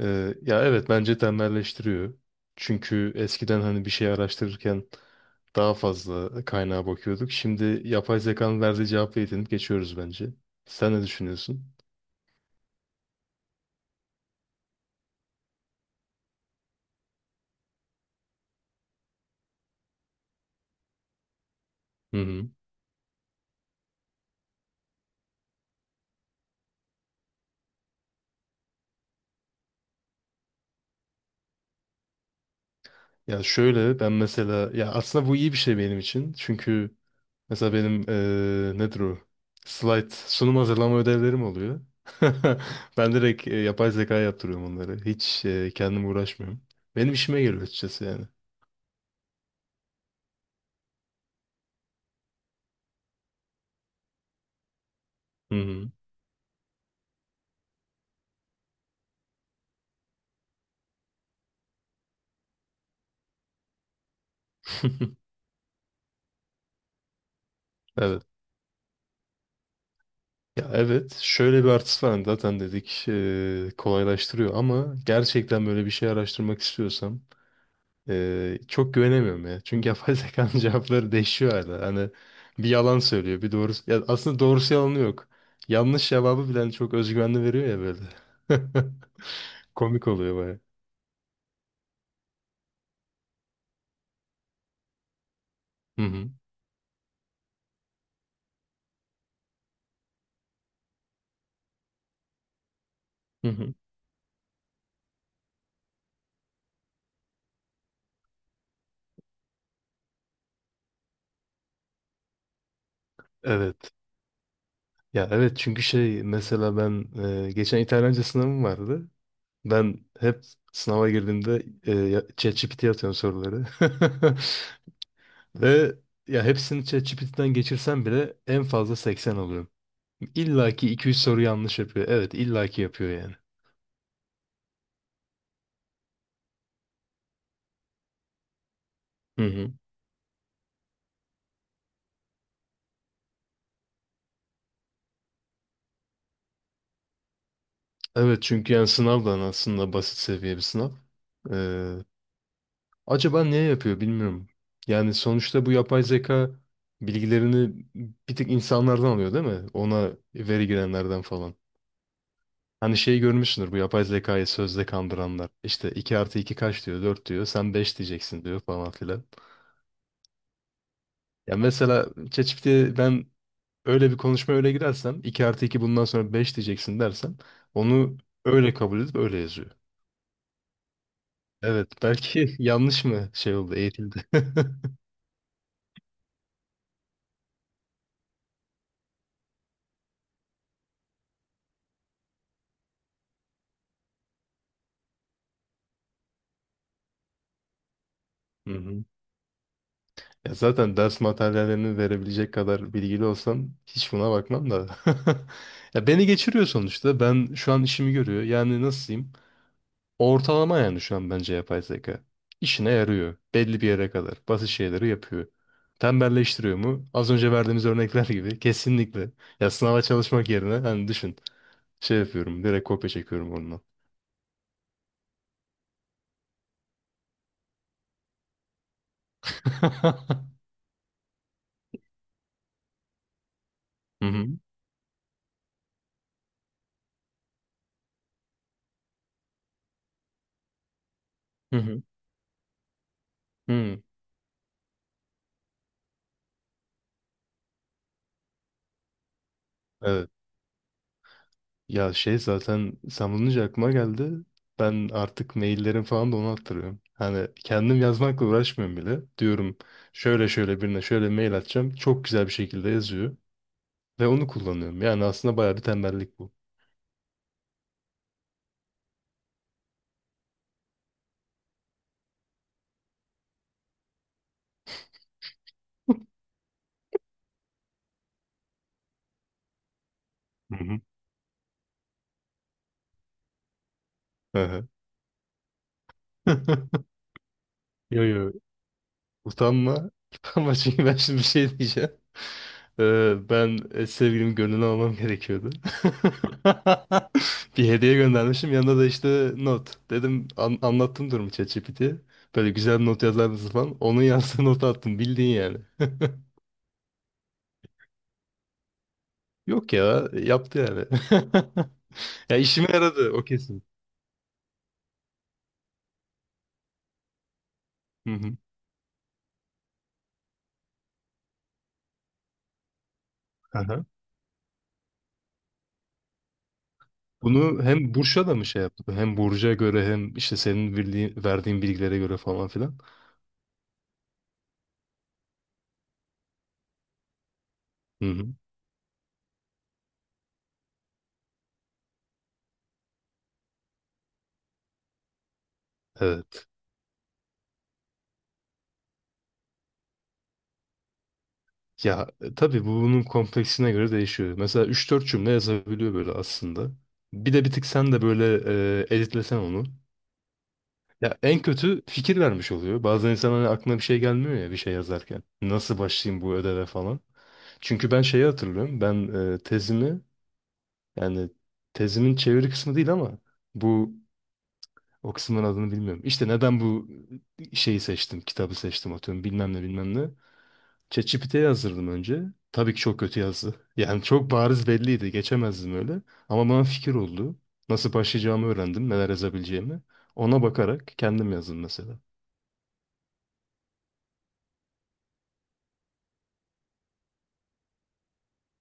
Ya evet bence tembelleştiriyor. Çünkü eskiden hani bir şey araştırırken daha fazla kaynağa bakıyorduk. Şimdi yapay zekanın verdiği cevapla yetinip geçiyoruz bence. Sen ne düşünüyorsun? Hı hı. Ya şöyle ben mesela ya aslında bu iyi bir şey benim için. Çünkü mesela benim nedir o? Slide sunum hazırlama ödevlerim oluyor. Ben direkt yapay zekaya yaptırıyorum onları. Hiç kendim uğraşmıyorum. Benim işime geliyor açıkçası yani. Hı hı. Evet. Ya evet şöyle bir artısı var. Hani zaten dedik, kolaylaştırıyor ama gerçekten böyle bir şey araştırmak istiyorsam çok güvenemiyorum ya. Çünkü yapay zekanın cevapları değişiyor hala. Hani bir yalan söylüyor bir doğru, ya aslında doğrusu yalanı yok. Yanlış cevabı bile hani çok özgüvenli veriyor ya böyle. Komik oluyor baya. Hı hı. Hı hı. Evet. Ya evet, çünkü şey, mesela ben geçen İtalyanca sınavım vardı. Ben hep sınava girdiğimde ChatGPT'ye ye atıyorum soruları. Ve ya hepsini ChatGPT'den geçirsem bile en fazla 80 alıyorum. İlla ki iki üç soru yanlış yapıyor. Evet, illa ki yapıyor yani. Hı hı. Evet, çünkü yani sınav da aslında basit seviye bir sınav. Ee, Acaba niye yapıyor bilmiyorum. Yani sonuçta bu yapay zeka bilgilerini bir tık insanlardan alıyor değil mi? Ona veri girenlerden falan. Hani şeyi görmüşsündür, bu yapay zekayı sözde kandıranlar. İşte 2 artı 2 kaç diyor, 4 diyor, sen 5 diyeceksin diyor falan filan. Ya mesela ChatGPT'ye ben öyle bir konuşma öyle girersem, 2 artı 2 bundan sonra 5 diyeceksin dersem, onu öyle kabul edip öyle yazıyor. Evet belki yanlış mı şey oldu, eğitildi. Hı hı. Ya zaten ders materyallerini verebilecek kadar bilgili olsam hiç buna bakmam da. Ya beni geçiriyor sonuçta. Ben şu an işimi görüyor. Yani nasıl diyeyim? Ortalama yani şu an bence yapay zeka. İşine yarıyor. Belli bir yere kadar. Basit şeyleri yapıyor. Tembelleştiriyor mu? Az önce verdiğimiz örnekler gibi. Kesinlikle. Ya sınava çalışmak yerine hani düşün. Şey yapıyorum. Direkt kopya çekiyorum ondan. Hı hı. Hı hı. Hı. Evet. Ya şey, zaten sen bulunca aklıma geldi. Ben artık maillerim falan da onu attırıyorum. Hani kendim yazmakla uğraşmıyorum bile. Diyorum şöyle şöyle birine şöyle mail atacağım. Çok güzel bir şekilde yazıyor. Ve onu kullanıyorum. Yani aslında bayağı bir tembellik bu. Hı hı. Hı hı. Yo yo. Utanma. Utanma, çünkü ben şimdi bir şey diyeceğim. Ben sevgilimin gönlünü almam gerekiyordu. Bir hediye göndermişim. Yanında da işte not. Dedim, anlattım durumu ChatGPT'ye. Böyle güzel bir not yazar mısın falan. Onun yazdığı notu attım. Bildiğin yani. Yok ya. Yaptı yani. Ya işime yaradı. O kesin. Hı hı. Bunu hem Burç'a da mı şey yaptı? Hem Burcu'ya göre hem işte senin bildiğin, verdiğin bilgilere göre falan filan. Hı hı. Evet. Ya tabii bu bunun kompleksine göre değişiyor. Mesela üç dört cümle yazabiliyor böyle aslında. Bir de bir tık sen de böyle editlesen onu. Ya en kötü fikir vermiş oluyor. Bazen insan hani aklına bir şey gelmiyor ya bir şey yazarken. Nasıl başlayayım bu ödeve falan. Çünkü ben şeyi hatırlıyorum. Ben tezimi, yani tezimin çeviri kısmı değil ama bu, o kısmın adını bilmiyorum. İşte neden bu şeyi seçtim, kitabı seçtim atıyorum bilmem ne bilmem ne. ChatGPT'ye yazdırdım önce. Tabii ki çok kötü yazdı. Yani çok bariz belliydi, geçemezdim öyle. Ama bana fikir oldu. Nasıl başlayacağımı öğrendim, neler yazabileceğimi. Ona bakarak kendim yazdım mesela.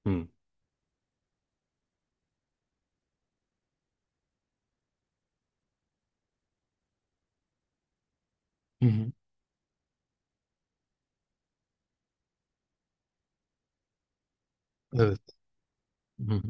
Hı. Hı hı. Evet. Hı hı.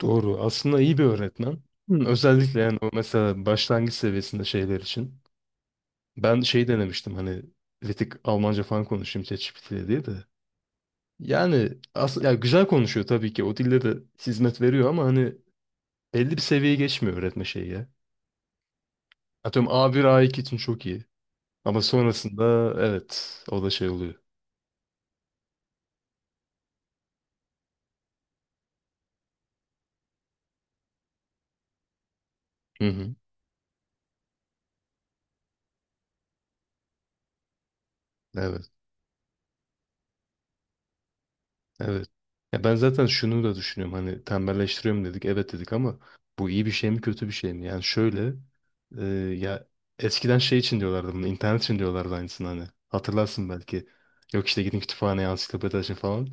Doğru. Aslında iyi bir öğretmen. Hı, özellikle yani o mesela başlangıç seviyesinde şeyler için. Ben şey denemiştim, hani bir tık Almanca falan konuşayım ChatGPT ile diye de. Yani aslında ya güzel konuşuyor tabii ki. O dille de hizmet veriyor ama hani belli bir seviyeye geçmiyor öğretme şeyi ya. Atıyorum A1 A2 için çok iyi. Ama sonrasında evet o da şey oluyor. Hı hı. Evet. Evet. Ya ben zaten şunu da düşünüyorum. Hani tembelleştiriyorum dedik. Evet dedik ama bu iyi bir şey mi kötü bir şey mi? Yani şöyle, e, ya eskiden şey için diyorlardı bunu. İnternet için diyorlardı aynısını hani. Hatırlarsın belki. Yok işte, gidin kütüphaneye ansiklopedi açın falan.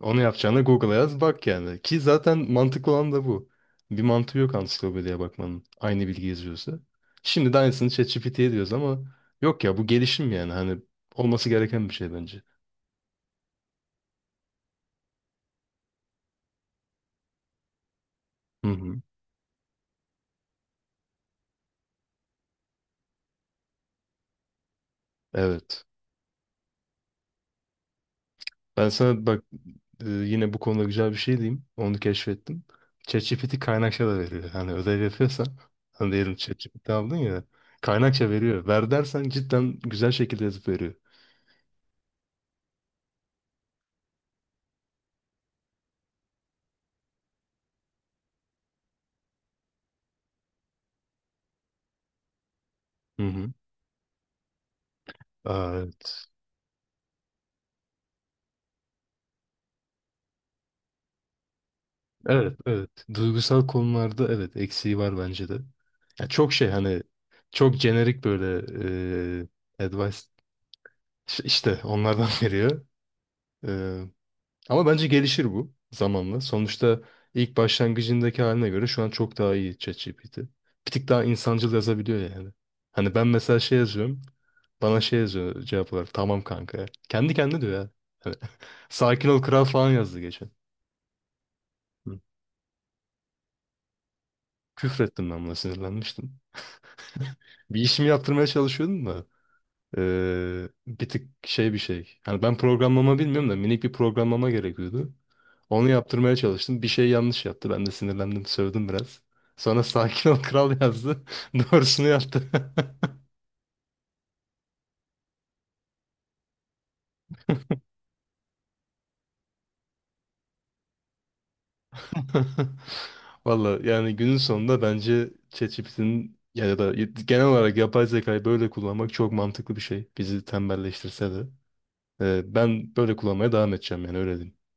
Onu yapacağına Google'a yaz bak yani. Ki zaten mantıklı olan da bu. Bir mantığı yok ansiklopediye bakmanın. Aynı bilgi yazıyorsa. Şimdi de aynısını ChatGPT'ye diyoruz ama yok ya, bu gelişim yani. Hani olması gereken bir şey bence. Hı hı. Evet. Ben sana bak, yine bu konuda güzel bir şey diyeyim. Onu keşfettim. ChatGPT kaynakça da veriyor. Hani ödev yapıyorsan, hani diyelim ChatGPT aldın ya, kaynakça veriyor. Ver dersen cidden güzel şekilde yazıp veriyor. Hı hı. Aa, evet. Evet, evet. Duygusal konularda evet eksiği var bence de. Ya çok şey, hani çok jenerik böyle advice, işte onlardan veriyor. Ama bence gelişir bu zamanla. Sonuçta ilk başlangıcındaki haline göre şu an çok daha iyi ChatGPT. Bir tık daha insancıl yazabiliyor yani. Hani ben mesela şey yazıyorum. Bana şey yazıyor cevap olarak. Tamam kanka. Kendi kendine diyor ya. Hani, sakin ol kral falan yazdı geçen. Hı. Küfrettim, ben buna sinirlenmiştim. Bir işimi yaptırmaya çalışıyordum da. Bir tık şey, bir şey. Hani ben programlama bilmiyorum da minik bir programlama gerekiyordu. Onu yaptırmaya çalıştım. Bir şey yanlış yaptı. Ben de sinirlendim, sövdüm biraz. Sonra sakin ol kral yazdı. Doğrusunu yaptı. Valla yani günün sonunda bence ChatGPT'nin ya da genel olarak yapay zekayı böyle kullanmak çok mantıklı bir şey. Bizi tembelleştirse de. Ben böyle kullanmaya devam edeceğim yani öyle diyeyim.